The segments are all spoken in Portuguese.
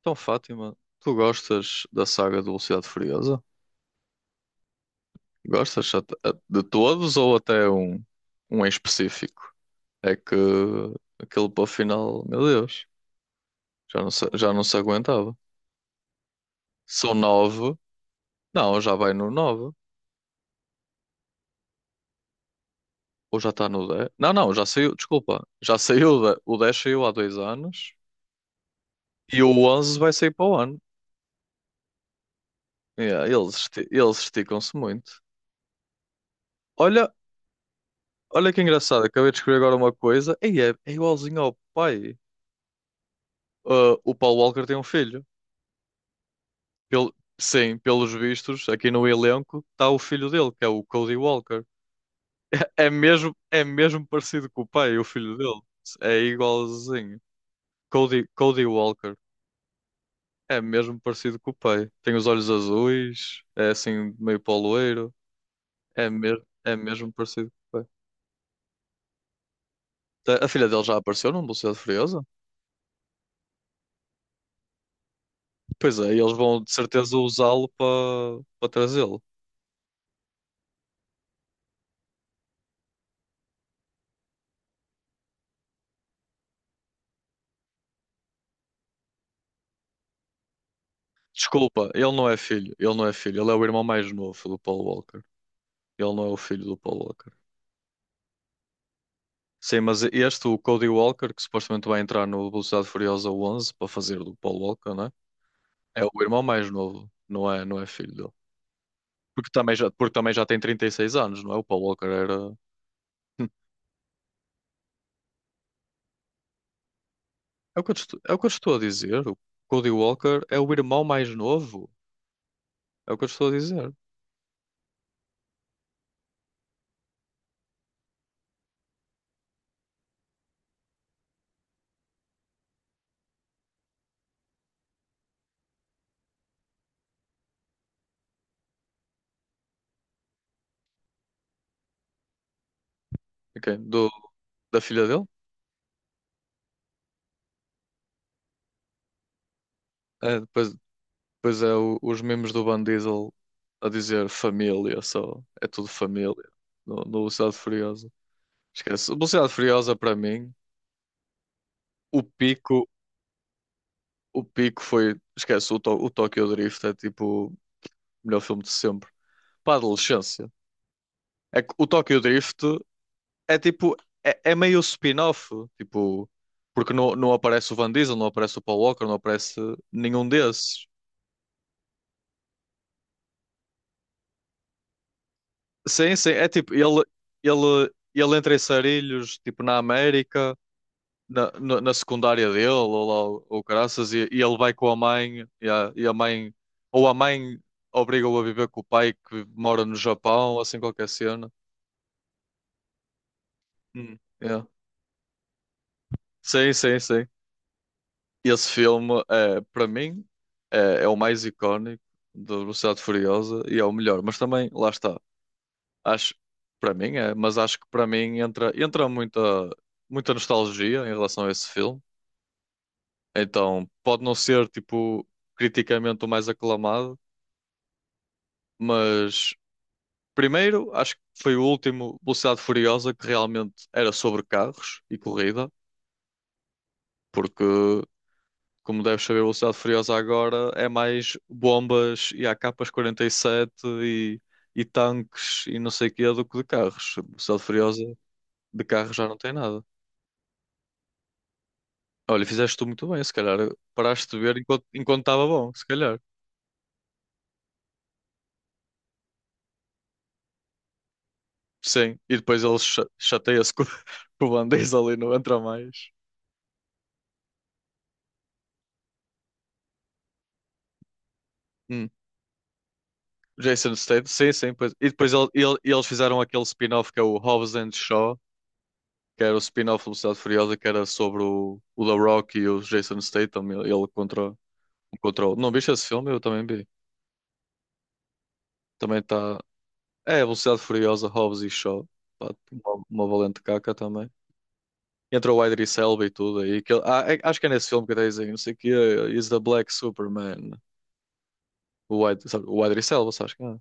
Então, Fátima, tu gostas da saga de Velocidade Furiosa? Gostas de todos ou até um em específico? É que aquele para o final, meu Deus, já não se aguentava. São nove, não, já vai no nove, ou já está no dez. Não, não, já saiu, desculpa, já saiu, o 10 saiu há 2 anos e o 11 vai sair para o ano. Yeah, eles esticam-se muito. Olha, olha que engraçado, acabei de escrever agora uma coisa, e é igualzinho ao pai. O Paul Walker tem um filho. Sim, pelos vistos, aqui no elenco está o filho dele, que é o Cody Walker. É mesmo parecido com o pai, o filho dele. É igualzinho. Cody Walker. É mesmo parecido com o pai. Tem os olhos azuis, é assim meio poloeiro. É mesmo parecido com o pai. Tá, a filha dele já apareceu num Velocidade Furiosa? Pois é, e eles vão de certeza usá-lo para trazê-lo. Desculpa, ele não é filho. Ele não é filho. Ele é o irmão mais novo do Paul Walker. Ele não é o filho do Paul Walker. Sim, mas este, o Cody Walker, que supostamente vai entrar no Velocidade Furiosa 11 para fazer do Paul Walker, né? É o irmão mais novo. Não é filho dele. Porque também já tem 36 anos, não é? O Paul Walker era. É o que eu te estou, é o que eu te estou a dizer. O Cody Walker é o irmão mais novo. É o que eu te estou a dizer. Ok. Da filha dele? É, depois, pois é, os memes do Van Diesel a dizer família só. É tudo família. No Velocidade Furiosa. Esquece. Velocidade Furiosa para mim, o pico, o pico foi. Esquece, o Tokyo Drift é tipo o melhor filme de sempre. Para a adolescência. É que o Tokyo Drift é tipo. É meio spin-off. Tipo. Porque não aparece o Van Diesel, não aparece o Paul Walker, não aparece nenhum desses. Sim, sim. É tipo. Ele entra em Sarilhos, tipo na América, na secundária dele ou lá ou caraças, e ele vai com a mãe e a mãe obriga-o a viver com o pai que mora no Japão, assim qualquer cena. Hum. Yeah. Sim, sim, sim, esse filme é para mim é o mais icónico da Velocidade Furiosa e é o melhor, mas também, lá está, acho, para mim é. Mas acho que para mim entra muita muita nostalgia em relação a esse filme, então pode não ser tipo criticamente o mais aclamado. Mas primeiro, acho que foi o último Velocidade Furiosa que realmente era sobre carros e corrida, porque, como deves saber, Velocidade Furiosa agora é mais bombas e AKs 47 e tanques e não sei o quê do que de carros. Velocidade Furiosa de carros já não tem nada. Olha, fizeste tu muito bem, se calhar paraste de ver enquanto estava bom, se calhar. Sim, e depois ele chateia-se com, com o Van Diesel e não entra mais. Jason Statham, sim, sim. Pois. E depois eles fizeram aquele spin-off que é o Hobbs and Shaw, que era o spin-off do Velocidade Furiosa, que era sobre o The Rock e o Jason Statham, ele contra o... Não viste esse filme? Eu também vi. Também está... É, Velocidade Furiosa, Hobbs e Shaw. Pá, uma valente caca também. Entra o Idris Elba e tudo aí. Que ele- ah, é- acho que é nesse filme que está a não sei o quê, is the Black Superman. Sabe, o Idris Elba, sabes quem é?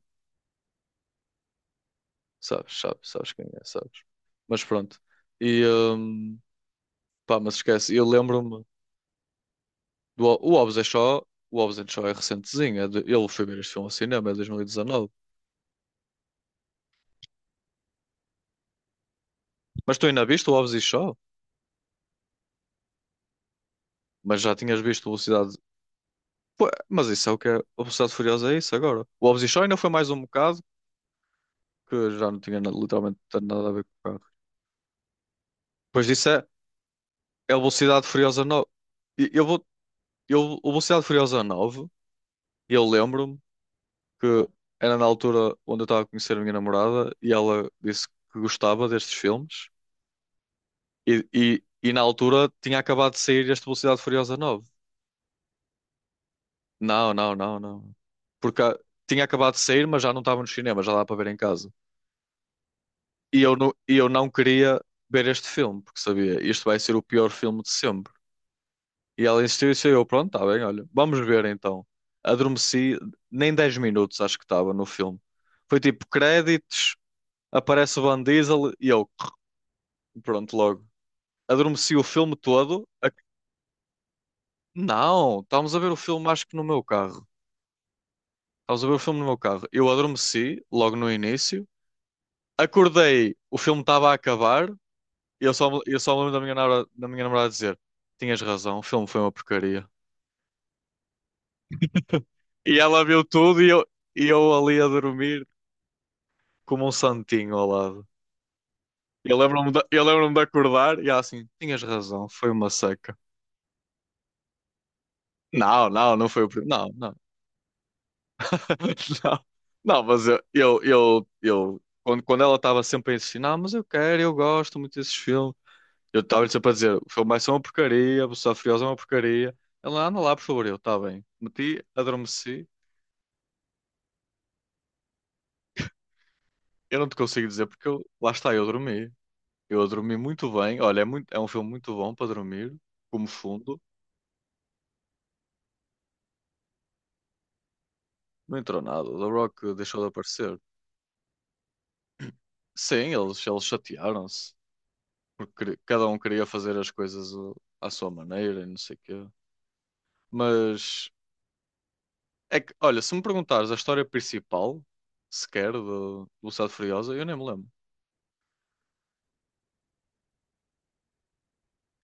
Sabes, sabes, sabes quem é, sabes. Mas pronto. E... Pá, mas esquece, eu lembro-me do o Hobbs and Shaw, o Hobbs and Shaw é recentezinho, eu fui ver este filme ao cinema, é de 2019. Mas tu ainda viste o Hobbs e Shaw? Mas já tinhas visto Velocidade. Pô, mas isso é o que é. A Velocidade Furiosa é isso agora. O Hobbs e Shaw ainda foi mais um bocado, que já não tinha literalmente nada a ver com o carro. Depois disso é o Velocidade Furiosa 9. E o Velocidade Furiosa 9, eu lembro-me que era na altura onde eu estava a conhecer a minha namorada e ela disse que gostava destes filmes. E na altura tinha acabado de sair este Velocidade Furiosa 9. Não, não, não, não. Porque tinha acabado de sair, mas já não estava no cinema, já dá para ver em casa. E eu não queria ver este filme, porque sabia, isto vai ser o pior filme de sempre. E ela insistiu e disse: Eu, pronto, está bem, olha, vamos ver então. Adormeci, nem 10 minutos acho que estava no filme. Foi tipo créditos, aparece o Van Diesel e eu, pronto, logo. Adormeci o filme todo. Não, estávamos a ver o filme acho que no meu carro. Estavas a ver o filme no meu carro. Eu adormeci logo no início. Acordei, o filme estava a acabar. Eu só me lembro da da minha namorada dizer: Tinhas razão, o filme foi uma porcaria. E ela viu tudo e e eu ali a dormir como um santinho ao lado. Eu lembro-me de acordar e ela assim: Tinhas razão, foi uma seca. Não, não, não foi o primeiro. Não, não. Não, não, mas quando, quando ela estava sempre a insistir, não, mas eu quero, eu gosto muito desses filmes. Eu estava-lhe sempre a dizer: O filme vai uma porcaria, a Velocidade Furiosa é uma porcaria. Ela, anda lá, por favor, eu, está bem. Meti, adormeci. Eu não te consigo dizer porque eu, lá está, eu dormi. Eu dormi muito bem. Olha, é, muito, é um filme muito bom para dormir, como fundo. Não entrou nada. The Rock deixou de aparecer. Sim, eles chatearam-se, porque cada um queria fazer as coisas à sua maneira e não sei o quê. Mas, é que, olha, se me perguntares a história principal, sequer, de Velocidade Furiosa, eu nem me lembro.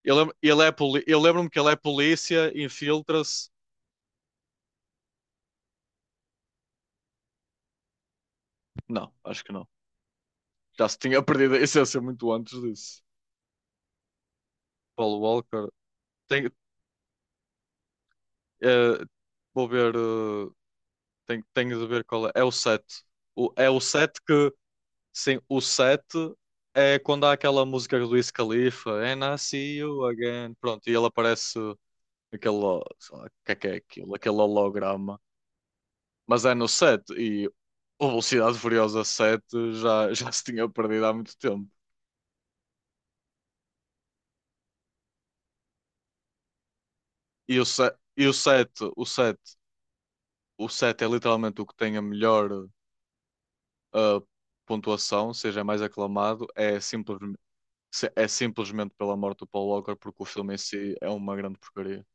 Ele é poli... Eu lembro-me que ele é polícia, infiltra-se. Não, acho que não. Já se tinha perdido a essência muito antes disso. Paul Walker. Tem, eh, vou ver. Tenho de ver qual é. É o 7. O, é o 7 que. Sim, o 7 é quando há aquela música do Wiz Khalifa. And I see you again. Pronto, e ele aparece aquele. O que é aquilo? Aquele holograma. Mas é no 7. E o Velocidade Furiosa 7 já, já se tinha perdido há muito tempo. E o 7, e o 7, o 7, o 7 é literalmente o que tem a melhor ah, pontuação, ou seja é mais aclamado, é, simples, é simplesmente pela morte do Paul Walker, porque o filme em si é uma grande porcaria.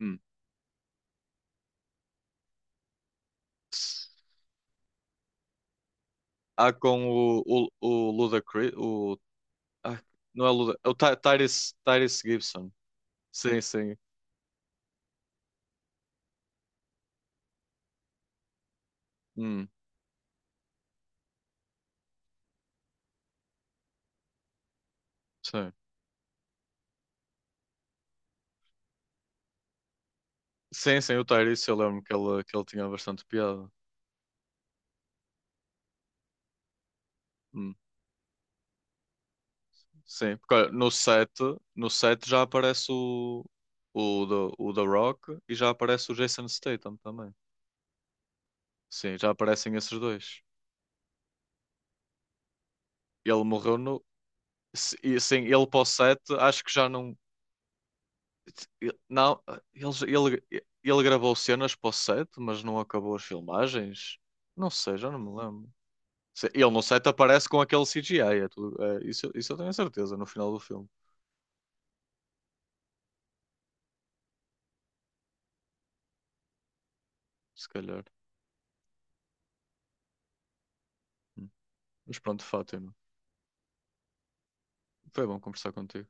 Hum. Há com o Ludacris. Ah, não é Luda, é o Tyrese, Gibson. Sim, sim. Hum, sim. Sim, sim, o Tyrese, eu lembro que que ele tinha bastante piada. Hum. Sim, porque no set já aparece o The Rock e já aparece o Jason Statham também. Sim, já aparecem esses dois. Ele morreu no. Sim, ele para o 7, acho que já não. Não, ele gravou cenas para o 7, mas não acabou as filmagens. Não sei, já não me lembro. Ele no set aparece com aquele CGI. É tudo, é, isso eu tenho a certeza, no final do filme, se calhar. Hum. Mas pronto, Fátima, foi bom conversar contigo.